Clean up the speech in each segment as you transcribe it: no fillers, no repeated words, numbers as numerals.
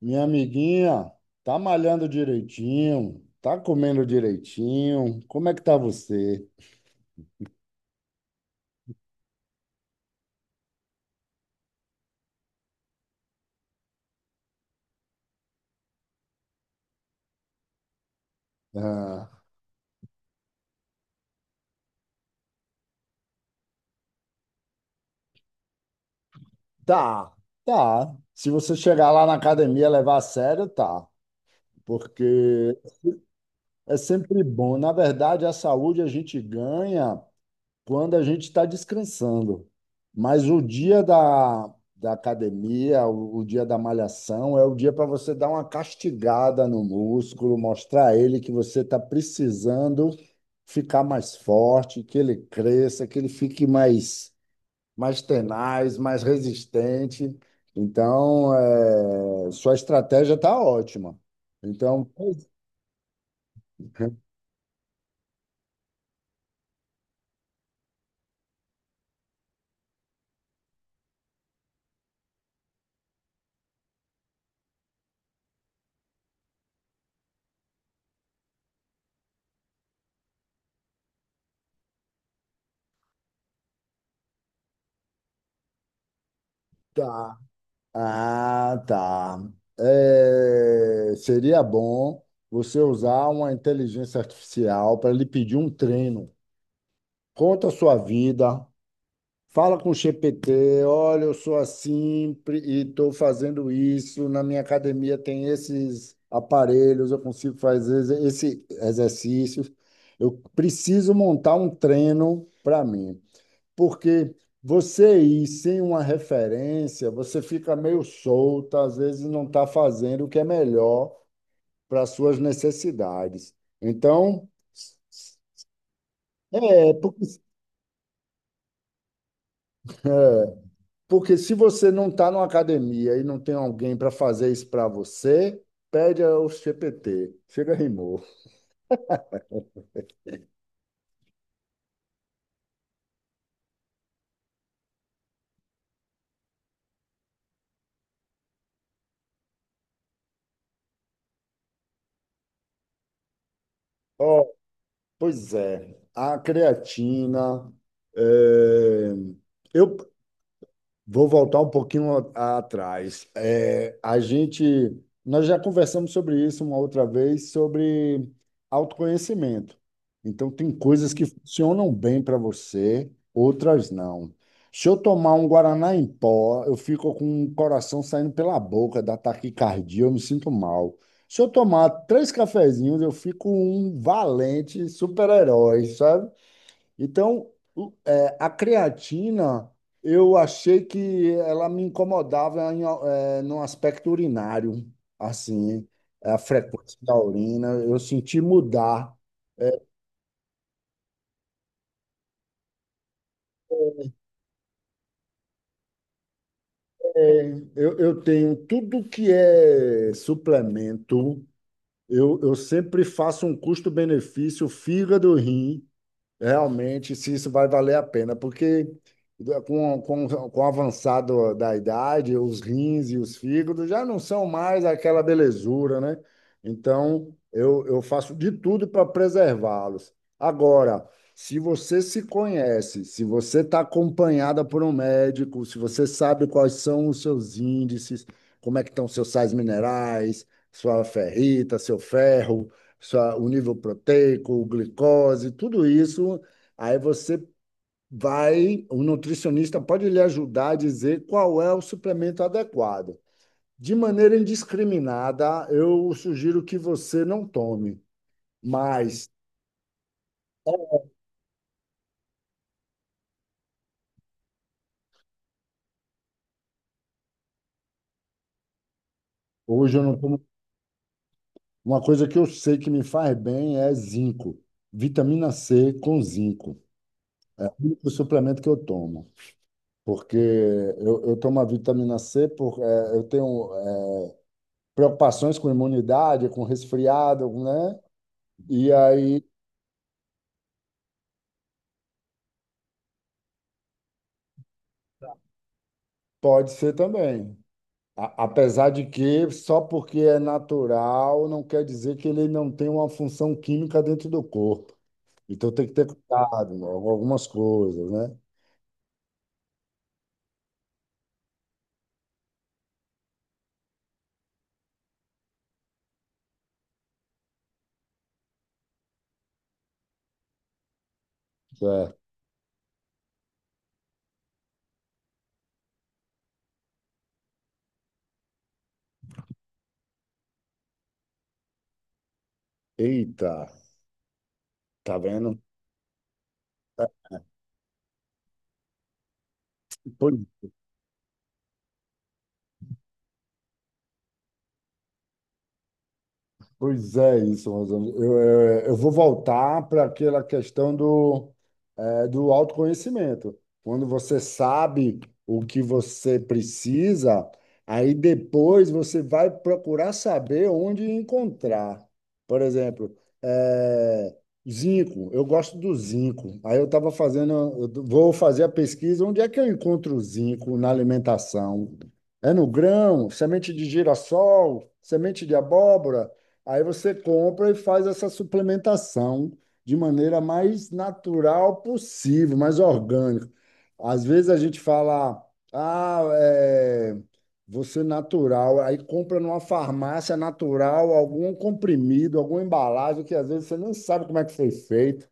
Minha amiguinha, tá malhando direitinho, tá comendo direitinho. Como é que tá você? Ah, tá, tá. Se você chegar lá na academia e levar a sério, tá. Porque é sempre bom. Na verdade, a saúde a gente ganha quando a gente está descansando. Mas o dia da academia, o dia da malhação, é o dia para você dar uma castigada no músculo, mostrar a ele que você está precisando ficar mais forte, que ele cresça, que ele fique mais, mais tenaz, mais resistente. Então, sua estratégia está ótima. Então, tá. Ah, tá. É, seria bom você usar uma inteligência artificial para lhe pedir um treino. Conta a sua vida, fala com o GPT, olha, eu sou assim e estou fazendo isso, na minha academia tem esses aparelhos, eu consigo fazer esse exercício. Eu preciso montar um treino para mim porque você ir sem uma referência, você fica meio solta, às vezes não está fazendo o que é melhor para as suas necessidades. Então, é, porque, porque se você não está numa academia e não tem alguém para fazer isso para você, pede ao GPT. Chega, rimou. Ó, pois é, a creatina. É, eu Vou voltar um pouquinho atrás. É, nós já conversamos sobre isso uma outra vez, sobre autoconhecimento. Então, tem coisas que funcionam bem para você, outras não. Se eu tomar um Guaraná em pó, eu fico com o coração saindo pela boca, da taquicardia, eu me sinto mal. Se eu tomar três cafezinhos, eu fico um valente super-herói, sabe? Então, a creatina, eu achei que ela me incomodava em, num aspecto urinário, assim, a frequência da urina, eu senti mudar. É, eu tenho tudo que é suplemento, eu sempre faço um custo-benefício, fígado, rim, realmente, se isso vai valer a pena, porque com o avançado da idade, os rins e os fígados já não são mais aquela belezura, né? Então, eu faço de tudo para preservá-los. Agora, se você se conhece, se você está acompanhada por um médico, se você sabe quais são os seus índices, como é que estão seus sais minerais, sua ferrita, seu ferro, o nível proteico, glicose, tudo isso. Aí você vai, o nutricionista pode lhe ajudar a dizer qual é o suplemento adequado. De maneira indiscriminada, eu sugiro que você não tome, mas hoje eu não tomo. Uma coisa que eu sei que me faz bem é zinco, vitamina C com zinco. É o único suplemento que eu tomo. Porque eu tomo a vitamina C, eu tenho preocupações com imunidade, com resfriado, né? E aí pode ser também. Apesar de que só porque é natural não quer dizer que ele não tem uma função química dentro do corpo. Então tem que ter cuidado com algumas coisas, né? Certo. Eita, tá vendo? Pois Pois é, isso, Rosângela. Eu vou voltar para aquela questão do, do autoconhecimento. Quando você sabe o que você precisa, aí depois você vai procurar saber onde encontrar. Por exemplo, eh, zinco. Eu gosto do zinco. Aí eu estava fazendo, eu vou fazer a pesquisa, onde é que eu encontro o zinco na alimentação? É no grão, semente de girassol, semente de abóbora? Aí você compra e faz essa suplementação de maneira mais natural possível, mais orgânica. Às vezes a gente fala, ah, é, você natural, aí compra numa farmácia natural algum comprimido, alguma embalagem que às vezes você nem sabe como é que foi feito.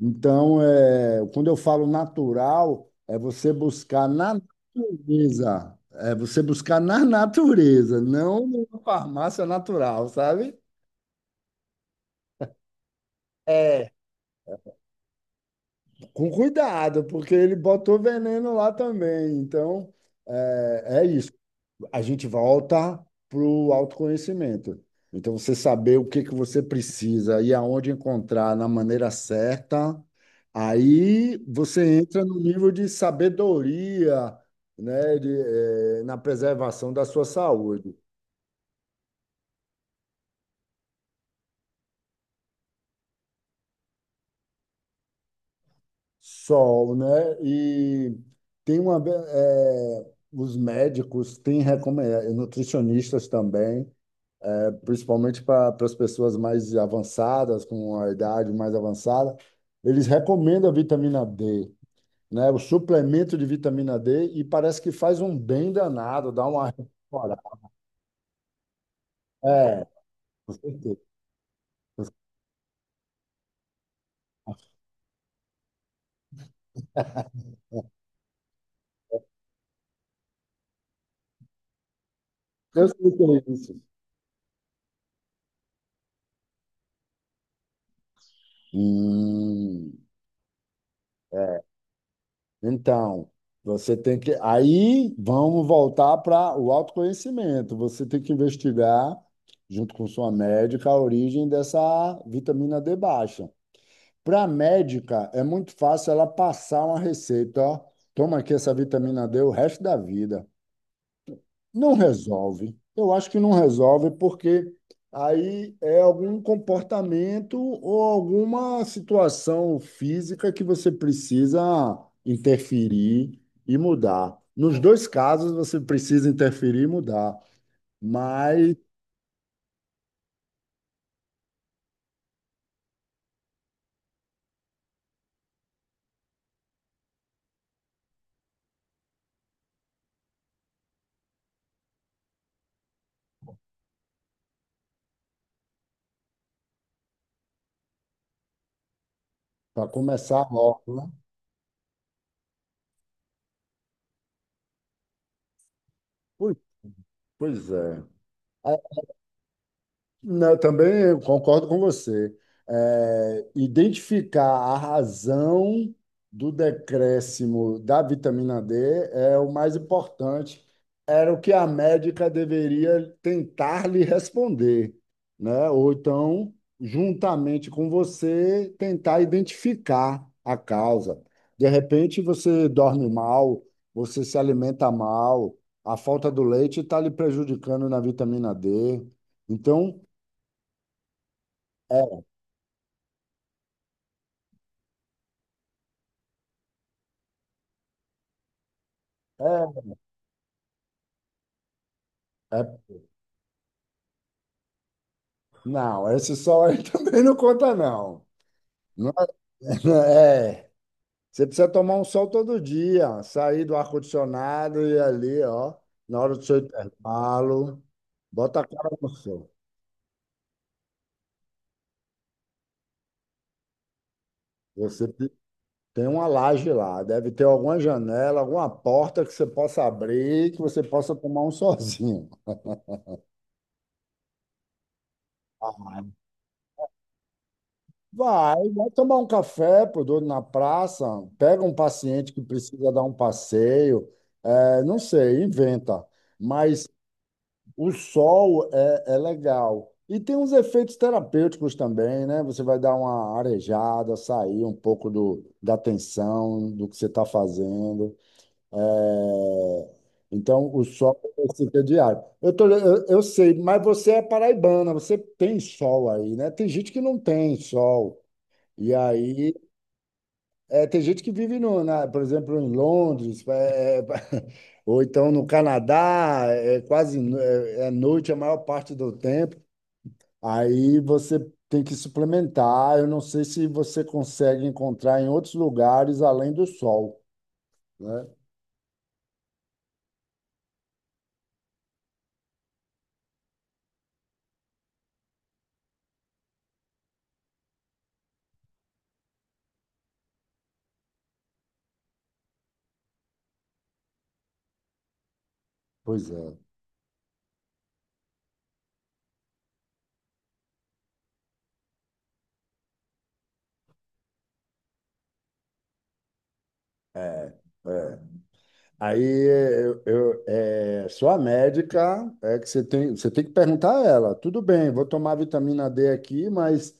Então, quando eu falo natural, é você buscar na natureza, é você buscar na natureza, não numa farmácia natural, sabe? É, com cuidado, porque ele botou veneno lá também. Então, é isso. A gente volta para o autoconhecimento. Então, você saber o que que você precisa e aonde encontrar na maneira certa, aí você entra no nível de sabedoria, né, de, na preservação da sua saúde. Sol, né? E tem uma, os médicos têm recomendado, nutricionistas também, principalmente para as pessoas mais avançadas, com a idade mais avançada, eles recomendam a vitamina D, né? O suplemento de vitamina D e parece que faz um bem danado, dá uma reforçada. É, com certeza. Eu sei o que é isso. Hum. Então, você tem que. Aí vamos voltar para o autoconhecimento. Você tem que investigar, junto com sua médica, a origem dessa vitamina D baixa. Para a médica, é muito fácil ela passar uma receita, ó. Toma aqui essa vitamina D o resto da vida. Não resolve. Eu acho que não resolve porque aí é algum comportamento ou alguma situação física que você precisa interferir e mudar. Nos dois casos, você precisa interferir e mudar, mas para começar logo, né? Pois, pois é. Não, eu também eu concordo com você. É, identificar a razão do decréscimo da vitamina D é o mais importante. Era o que a médica deveria tentar lhe responder, né? Ou então, juntamente com você, tentar identificar a causa. De repente, você dorme mal, você se alimenta mal, a falta do leite está lhe prejudicando na vitamina D. Então, é, é, é, não, esse sol aí também não conta, não. Não É, você precisa tomar um sol todo dia, sair do ar-condicionado e ir ali, ó, na hora do seu intervalo, bota a cara no sol. Você te- Tem uma laje lá, deve ter alguma janela, alguma porta que você possa abrir, que você possa tomar um solzinho. Ah, vai, vai tomar um café, pô, doido, na praça, pega um paciente que precisa dar um passeio, é, não sei, inventa. Mas o sol é legal. E tem uns efeitos terapêuticos também, né? Você vai dar uma arejada, sair um pouco da tensão, do que você está fazendo. É, então, o sol é diário. Eu sei, mas você é paraibana, você tem sol aí, né? Tem gente que não tem sol. E aí, tem gente que vive, no, na- por exemplo, em Londres, ou então no Canadá, é quase é noite a maior parte do tempo. Aí você tem que suplementar. Eu não sei se você consegue encontrar em outros lugares além do sol, né? Pois é. É. Sua médica é que você tem que perguntar a ela, tudo bem, vou tomar vitamina D aqui, mas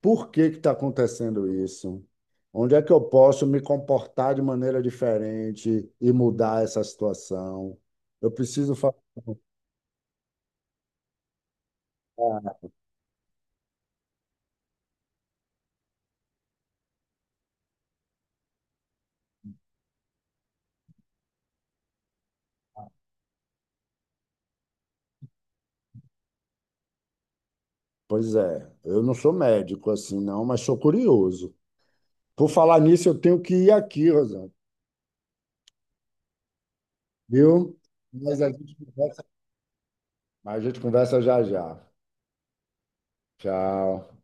por que que está acontecendo isso? Onde é que eu posso me comportar de maneira diferente e mudar essa situação? Eu preciso falar. Pois é, eu não sou médico assim, não, mas sou curioso. Por falar nisso, eu tenho que ir aqui, Rosana, viu? Mas a gente conversa, mas a gente conversa já já. Tchau.